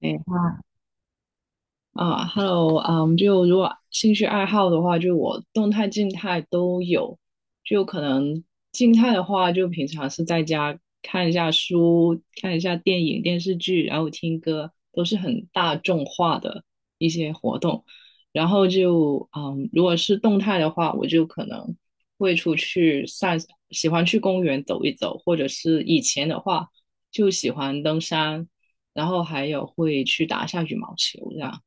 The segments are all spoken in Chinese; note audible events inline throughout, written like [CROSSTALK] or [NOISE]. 对，哇，啊 ，Hello，嗯，就如果兴趣爱好的话，就我动态、静态都有。就可能静态的话，就平常是在家看一下书、看一下电影、电视剧，然后听歌，都是很大众化的一些活动。然后就，如果是动态的话，我就可能会出去散，喜欢去公园走一走，或者是以前的话，就喜欢登山，然后还有会去打一下羽毛球这样。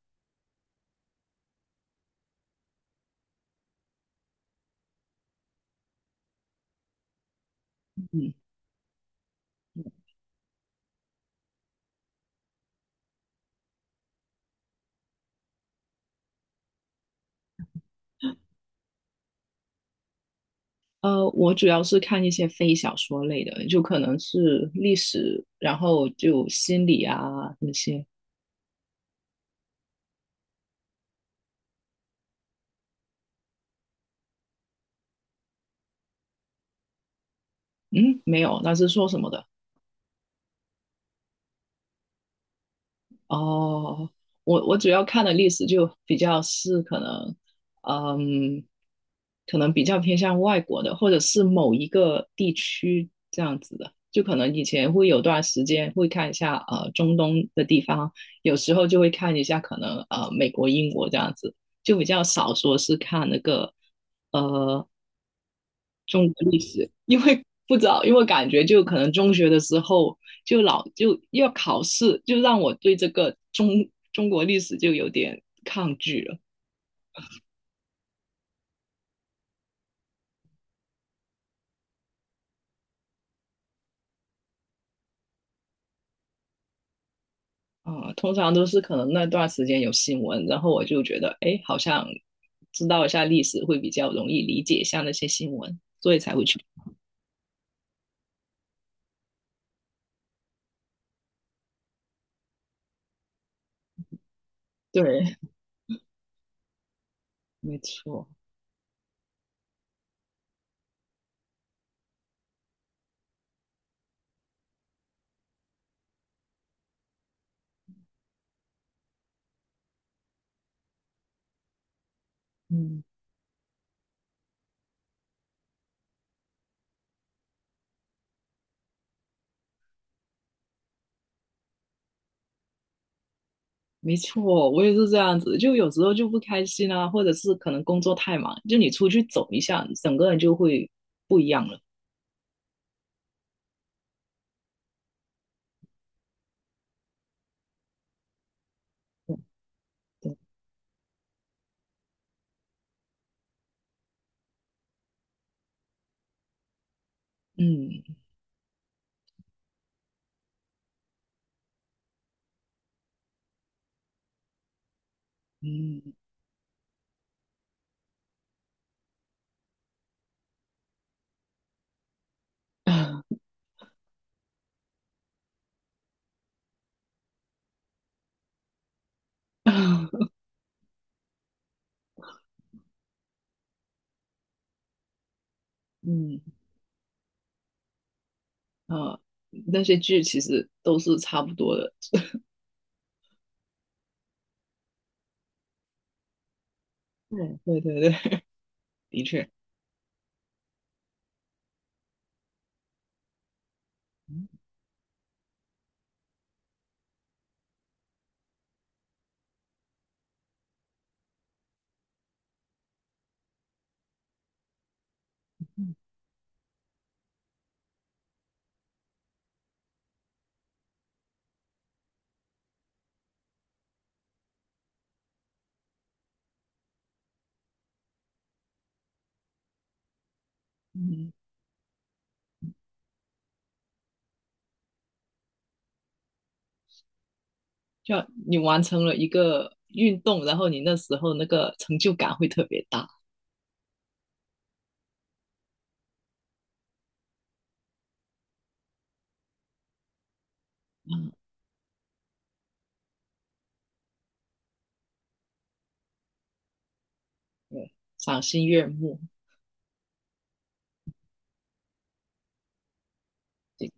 嗯，呃，我主要是看一些非小说类的，就可能是历史，然后就心理啊那些。嗯，没有，那是说什么的？哦，我主要看的历史就比较是可能，嗯，可能比较偏向外国的，或者是某一个地区这样子的。就可能以前会有段时间会看一下中东的地方，有时候就会看一下可能美国、英国这样子，就比较少说是看那个呃中国历史，因为不知道，因为感觉就可能中学的时候就老就要考试，就让我对这个中国历史就有点抗拒了。啊、通常都是可能那段时间有新闻，然后我就觉得，哎，好像知道一下历史会比较容易理解一下那些新闻，所以才会去。对，没错。嗯。没错，我也是这样子，就有时候就不开心啊，或者是可能工作太忙，就你出去走一下，整个人就会不一样了。嗯。嗯。 [LAUGHS] 嗯啊，那些剧其实都是差不多的。[LAUGHS] 对，对对对，的确。嗯。嗯。就你完成了一个运动，然后你那时候那个成就感会特别大。对，赏心悦目。对，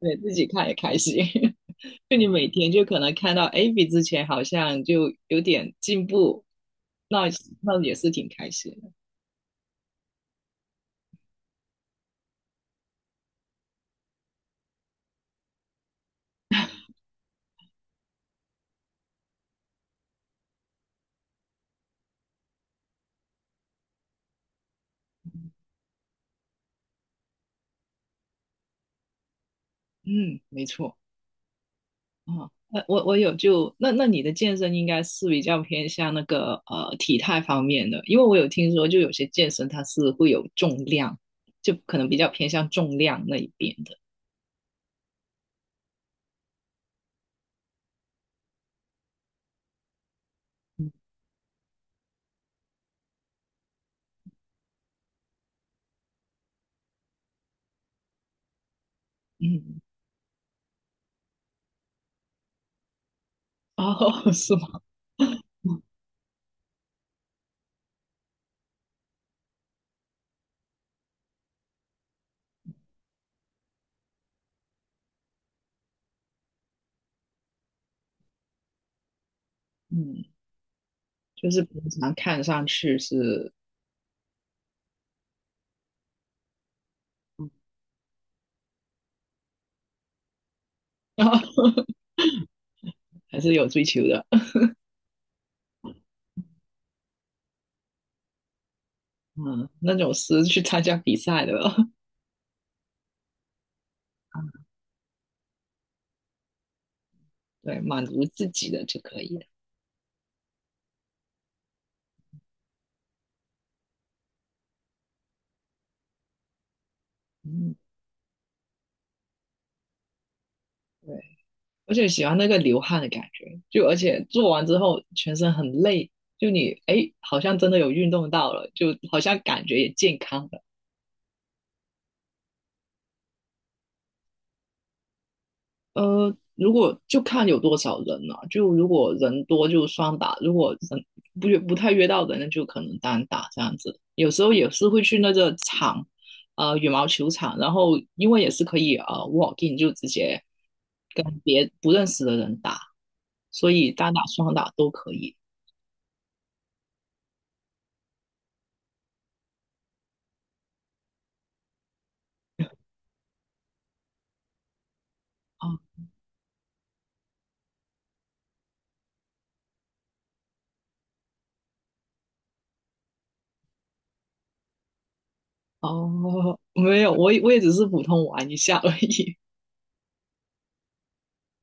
对自己看也开心。[LAUGHS] 就你每天就可能看到，哎，比之前好像就有点进步，那那也是挺开心的。嗯，没错。哦，那我有就那你的健身应该是比较偏向那个体态方面的，因为我有听说就有些健身它是会有重量，就可能比较偏向重量那一边的。嗯。嗯。哦，[LAUGHS] 是吗？嗯，就是平常看上去是，[LAUGHS] 然后还是有追求的。嗯，那种是去参加比赛的了。[LAUGHS] 对，满足自己的就可以了。嗯。对。而且喜欢那个流汗的感觉，就而且做完之后全身很累，就你哎，好像真的有运动到了，就好像感觉也健康了。呃，如果就看有多少人了、就如果人多就双打，如果人不约不太约到人，那就可能单打这样子。有时候也是会去那个场，呃，羽毛球场，然后因为也是可以walk in，就直接跟别不认识的人打，所以单打双打都可以。啊。哦，没有，我也只是普通玩一下而已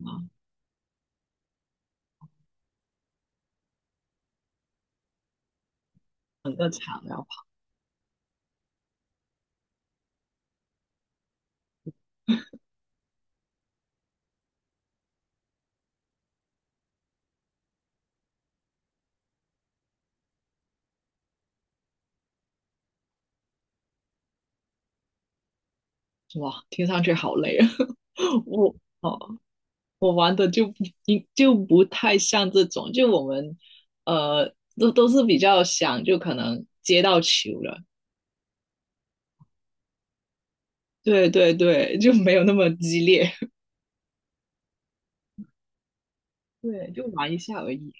啊，很正常。然后哇，听上去好累啊！[LAUGHS] 我哦，我玩的就不太像这种，就我们呃都是比较想就可能接到球了。对对对，就没有那么激烈。[LAUGHS] 对，就玩一下而已。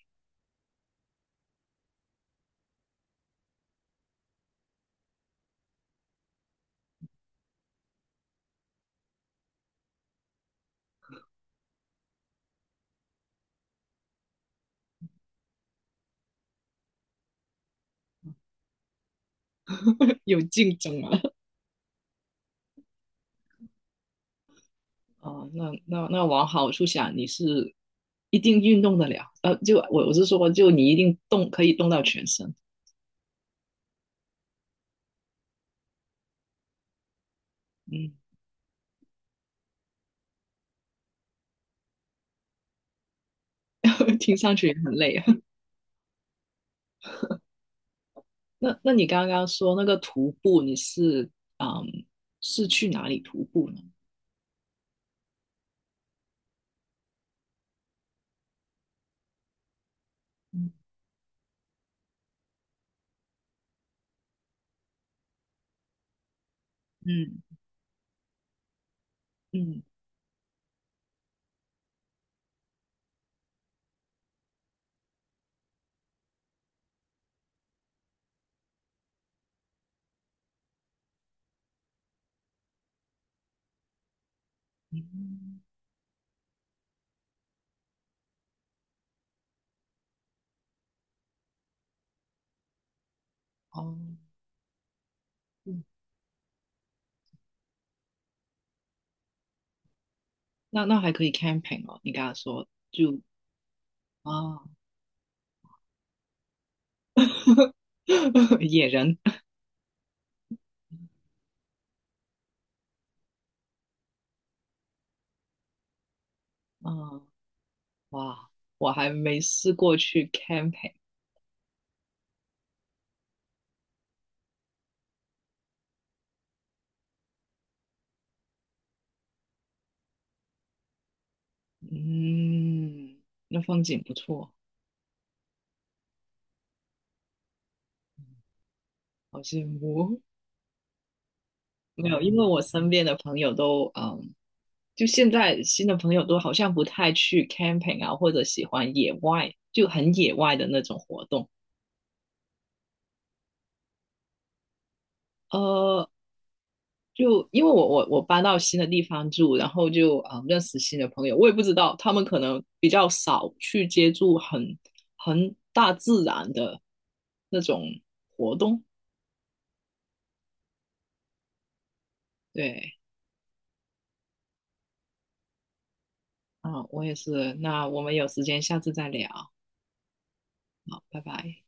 [LAUGHS] 有竞争啊。哦，那往好处想，你是一定运动得了，就我是说，就你一定动可以动到全身。嗯。[LAUGHS] 听上去也很累啊。[LAUGHS] 那你刚刚说那个徒步，你是嗯是去哪里徒步呢？嗯。嗯。嗯。嗯。哦。那还可以 camping 哦。你刚刚说就啊 [LAUGHS] 野人啊哇，我还没试过去 camping。嗯，那风景不错。好羡慕哦。[LAUGHS] 没有，因为我身边的朋友都就现在新的朋友都好像不太去 camping 啊，或者喜欢野外，就很野外的那种活动。呃，就因为我搬到新的地方住，然后就啊、认识新的朋友，我也不知道他们可能比较少去接触很大自然的那种活动。对，啊、我也是。那我们有时间下次再聊。好，拜拜。